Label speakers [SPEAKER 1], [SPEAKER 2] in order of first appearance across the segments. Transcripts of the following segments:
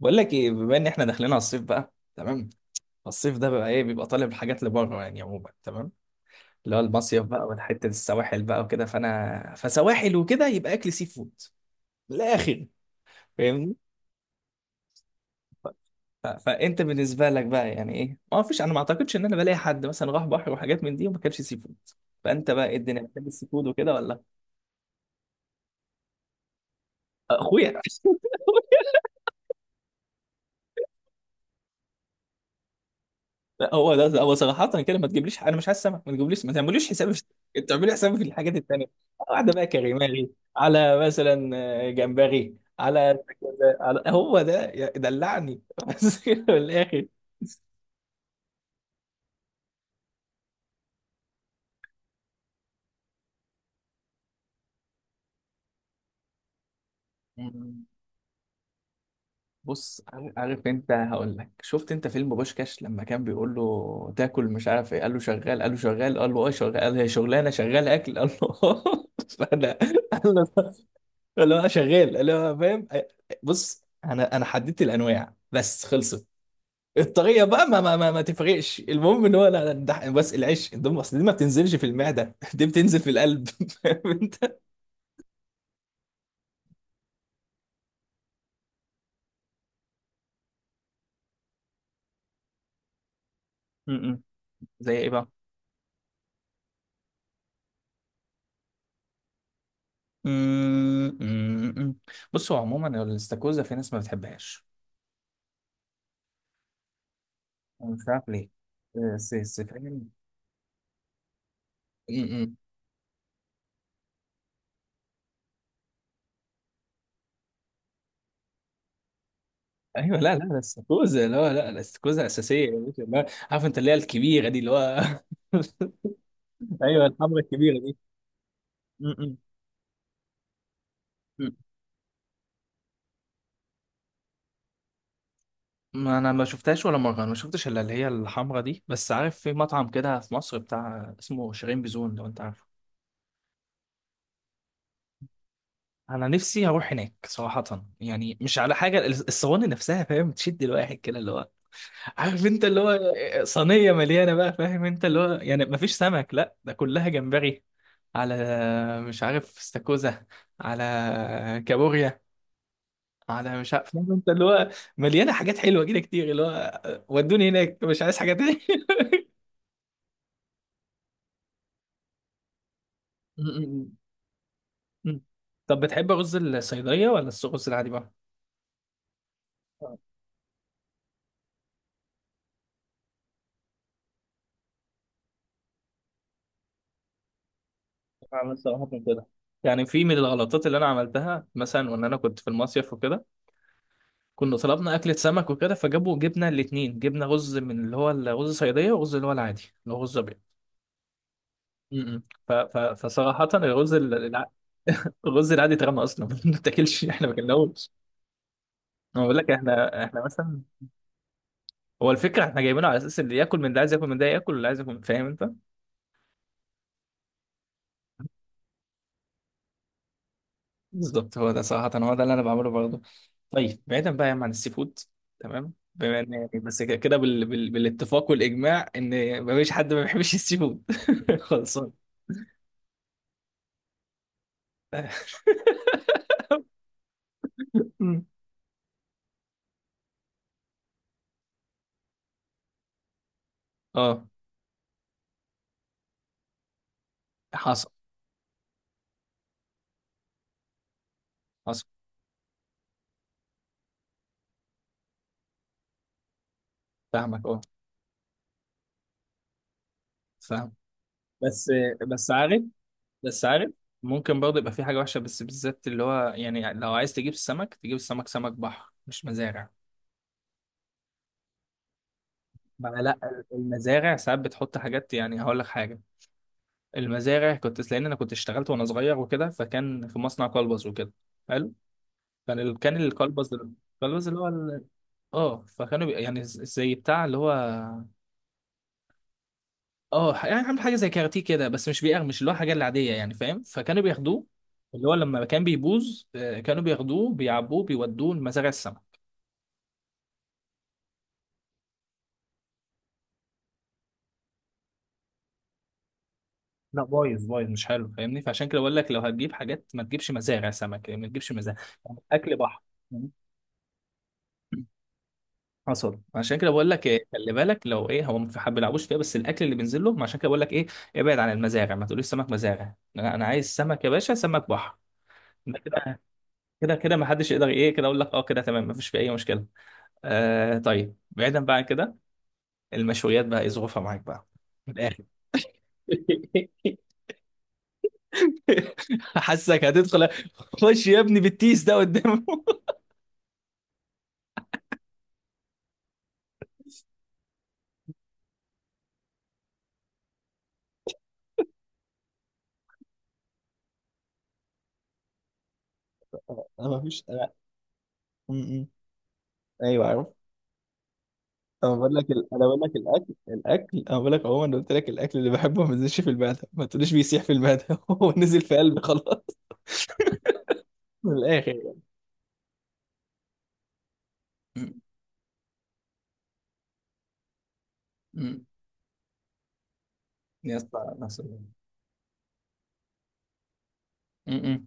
[SPEAKER 1] بقول لك ايه، بما ان احنا داخلين على الصيف بقى. تمام. الصيف ده بقى ايه؟ بيبقى طالب الحاجات لبره، يعني عموما. تمام. اللي هو المصيف بقى، والحته السواحل بقى وكده، فانا فسواحل وكده يبقى اكل سي فود. من الاخر. فاهمني. ف- فانت بالنسبه لك بقى يعني ايه؟ ما فيش، انا ما اعتقدش ان انا بلاقي حد مثلا راح بحر وحاجات من دي وما كانش سي فود. فانت بقى ايه؟ الدنيا بتحب السي فود وكده ولا؟ اخويا. لا، هو ده هو صراحة كده. ما تجيبليش، انا مش عايز سمك. ما تجيبليش، ما تعمليش حسابي في السمك، تعملي حسابي في الحاجات التانية. واحدة بقى كريماري على مثلا. آه، جمبري على على هو ده دلعني. بس كده من الآخر. مم. بص، عارف انت؟ هقول لك. شفت انت فيلم بوشكاش لما كان بيقول له تاكل مش عارف ايه؟ قال له شغال، قال له شغال، قال له اه شغال، قال له هي شغلانه شغال اكل؟ قال له آه. فانا اللي هو شغال، اللي هو فاهم. بص انا حددت الانواع بس، خلصت. الطريقه بقى ما تفرقش. المهم ان هو. لا لا، ده بس العيش الدم، اصل دي ما بتنزلش في المعده دي بتنزل في القلب فاهم انت. م- م. زي ايه بقى؟ أمم، أمم، أمم. بصوا عموما الاستاكوزا في ناس ما بتحبهاش. أنا مش عارف ليه. بس فاهم. أمم. ايوه. لا لا لا، الاستاكوزا. لا لا، الاستاكوزا اساسيه يا باشا، لا. عارف انت اللي هي الكبيره دي؟ اللي هو ايوه، الحمرا الكبيره دي. ما انا ما شفتهاش ولا مره، انا ما شفتش الا اللي هي الحمرا دي، بس عارف في مطعم كده في مصر بتاع اسمه شيرين بزون، لو انت عارفه. انا نفسي اروح هناك صراحه، يعني مش على حاجه، الصواني نفسها فاهم تشد الواحد كده، اللي هو عارف انت اللي هو صينيه مليانه بقى، فاهم انت اللي هو، يعني ما فيش سمك، لا ده كلها جمبري، على مش عارف استاكوزا، على كابوريا، على مش عارف، فاهم انت اللي هو مليانه حاجات حلوه كده كتير، اللي هو ودوني هناك مش عايز حاجه تاني م- م- م- م. طب بتحب رز الصيدلية ولا الرز العادي بقى؟ آه، بعمل صراحة من كده، يعني في من الغلطات اللي انا عملتها مثلا، وان انا كنت في المصيف وكده، كنا طلبنا اكلة سمك وكده، جبنا الاتنين، جبنا رز من اللي هو الرز صيدية، ورز اللي هو العادي اللي هو رز ابيض. م- م. فصراحة الرز الرز العادي اترمى اصلا ما بنتاكلش، احنا ما كلناهوش. انا بقول لك احنا مثلا هو الفكرة احنا جايبينه على اساس اللي ياكل من ده عايز ياكل من ده ياكل، واللي عايز ياكل فاهم انت. بالظبط هو ده، صراحة هو ده اللي أنا بعمله برضه. طيب بعيدا بقى يا عم عن السي فود. تمام، بما إن يعني بس كده كده بالاتفاق والإجماع إن مفيش حد ما بيحبش السي فود. خلصان. مم. اه، حصل، حصل. فاهمك، اه، فاهم. بس بس عارف، بس عارف ممكن برضه يبقى في حاجه وحشه، بس بالذات اللي هو يعني، لو عايز تجيب السمك، تجيب السمك سمك بحر مش مزارع. ما لا، المزارع ساعات بتحط حاجات. يعني هقول لك حاجه، المزارع، لان انا كنت اشتغلت وانا صغير وكده، فكان في مصنع كلبز وكده. حلو. كان الكلبز، الكلبز اللي هو ال... اه، فكانوا يعني زي بتاع اللي هو، اه يعني عامل حاجه زي كاراتيه كده، بس مش بيقرمش اللي هو حاجه العاديه يعني، فاهم. فكانوا بياخدوه اللي هو لما كان بيبوظ، آه، كانوا بياخدوه، بيعبوه، بيودوه لمزارع السمك. لا، بايظ بايظ، مش حلو. فاهمني، فعشان كده بقول لك، لو هتجيب حاجات ما تجيبش مزارع سمك، يعني ما تجيبش مزارع. يعني اكل بحر. حصل. عشان كده بقول لك إيه، خلي بالك، لو ايه، هو ما في حد بيلعبوش فيها، بس الاكل اللي بينزل لهم. عشان كده بقول لك ايه، ابعد عن المزارع، ما تقوليش سمك مزارع. لا، انا عايز سمك يا باشا، سمك بحر. ده كده، كده كده ما حدش يقدر ايه، كده اقول لك اه، كده تمام، ما فيش في اي مشكله. آه، طيب بعيدا بقى عن كده. المشويات بقى ايه ظروفها معاك بقى؟ من الاخر. حاسك هتدخل. خش يا ابني بالتيس ده قدامه. انا مفيش انا. م- م. ايوه، انا بقول لك انا بقول لك الاكل انا بقول لك عموما. أنا قلت لك، الاكل اللي بحبه ما بينزلش في المعده، ما تقوليش بيسيح في المعده هو نزل في قلبي خلاص. من الاخر يعني. م- م. يا اسطى، نفس م- م.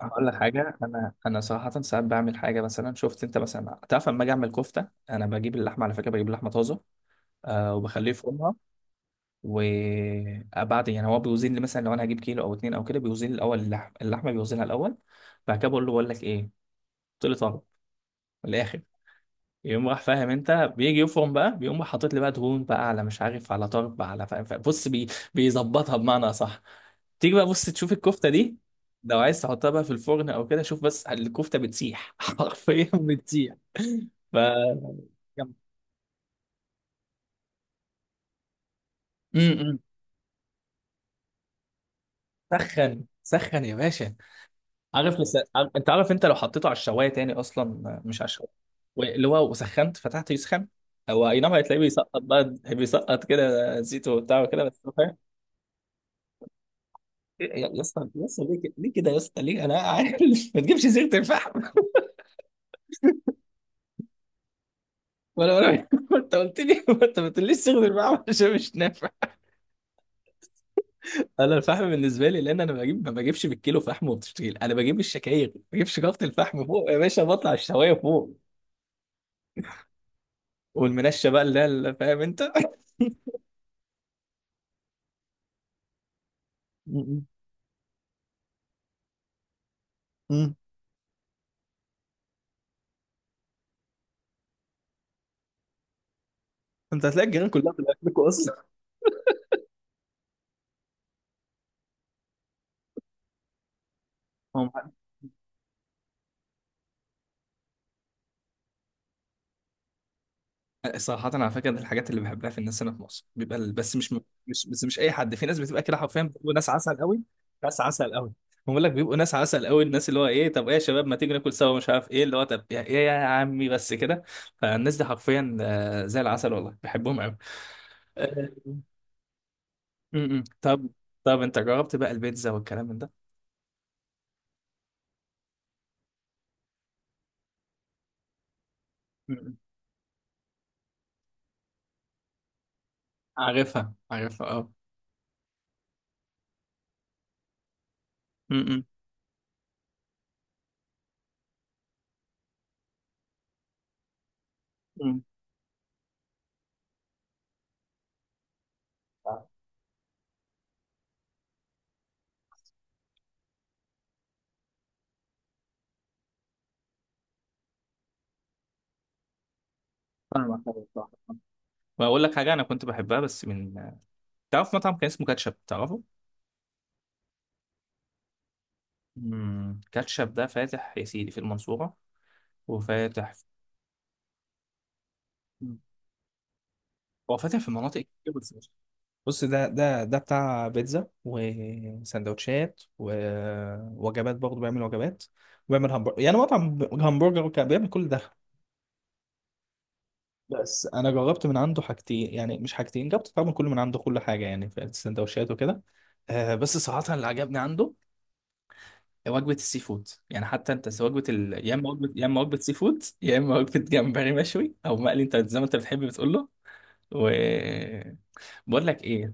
[SPEAKER 1] هقول لك حاجة، أنا صراحة ساعات بعمل حاجة. مثلا شفت أنت مثلا، تعرف لما أجي أعمل كفتة، أنا بجيب اللحمة، على فكرة بجيب لحمة طازة، أه، وبخليه يفرمها. وبعد يعني هو بيوزن لي، مثلا لو أنا هجيب كيلو أو اتنين أو كده، بيوزن لي الأول اللحمة بيوزنها الأول. بعد كده بقول لك إيه؟ قلت لي طالب من الآخر، يقوم راح، فاهم انت، بيجي يفرم بقى، بيقوم راح حاطط لي بقى دهون بقى، على مش عارف، على طرب، على، فاهم فاهم. بص بيظبطها بمعنى اصح. تيجي بقى بص تشوف الكفته دي، لو عايز تحطها بقى في الفرن او كده، شوف بس الكفته بتسيح حرفيا بتسيح. ف جامد. م- م. سخن سخن يا باشا. انت عارف انت لو حطيته على الشوايه تاني اصلا، مش على الشوايه، اللي هو وسخنت فتحته يسخن، هو اي نعم، هتلاقيه بيسقط كده زيته وبتاع وكده بس. إيه يا اسطى، يا اسطى ليه كده، ليه كده يا اسطى، ليه؟ انا عارف ما تجيبش صيغه الفحم. ولا ولا انت قلت لي، انت ما تقوليش صيغه الفحم عشان مش نافع. انا الفحم بالنسبه لي، لان انا بجيب، ما بجيبش بالكيلو فحم وبتشتغل، انا بجيب الشكاير، ما بجيبش جافه الفحم فوق يا باشا، بطلع الشوايه فوق، والمنشه بقى اللي هي فاهم انت م- م- م. انت هتلاقي الجيران كلها بتبقى اكل كويس. صراحة على فكرة، من الحاجات اللي بحبها في الناس هنا في مصر بيبقى بس مش مش بس مش أي حد، في ناس بتبقى كده حرفيا بيبقوا ناس عسل قوي، ناس عسل قوي. بقول لك بيبقوا ناس عسل قوي، الناس اللي هو إيه طب إيه يا شباب ما تيجي ناكل سوا مش عارف إيه اللي هو طب إيه يا عمي بس كده، فالناس دي حرفيا آه، زي العسل والله، بحبهم قوي. آه. م- م. طب. طب أنت جربت بقى البيتزا والكلام من ده؟ م- م. عارفها، عارفها، أه. م- م. م. فاهمك، فاهمك، فاهمك. بقول لك حاجة، أنا كنت بحبها بس من. تعرف مطعم كان اسمه كاتشب، تعرفه؟ مم. كاتشب ده فاتح يا سيدي في المنصورة، وفاتح في... مم. هو فاتح في مناطق كتير، بس بص ده بتاع بيتزا وسندوتشات ووجبات، برضه بيعمل وجبات، وبيعمل همبرجر، يعني مطعم همبرجر، وكان بيعمل كل ده. بس انا جربت من عنده حاجتين، يعني مش حاجتين، جربت طبعا كل من عنده كل حاجه، يعني في السندوتشات وكده. آه، بس صراحه اللي عجبني عنده وجبة السي فود، يعني حتى انت سواء وجبة ال... يا اما وجبة، يا اما وجبة سي فود، يا اما وجبة جمبري مشوي او مقلي انت زي ما انت بتحب بتقول له. و بقول لك ايه،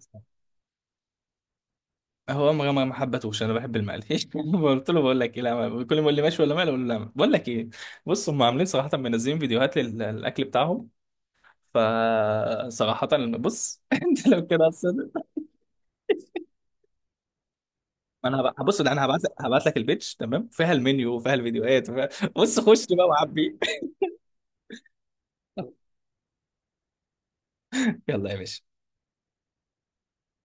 [SPEAKER 1] هو ما حبتهوش، انا بحب المقلي قلت له، بقول لك ايه، لا، كل ما يقول لي مشوي ولا مقلي اقول له لا. بقول لك ايه، بص هم عاملين صراحة منزلين فيديوهات للاكل بتاعهم. فصراحة بص انت لو كده اصلا، انا هبص ده، انا هبعت لك البيتش، تمام، فيها المنيو وفيها الفيديوهات وفيها... بص خش بقى وعبي. يلا يا باشا.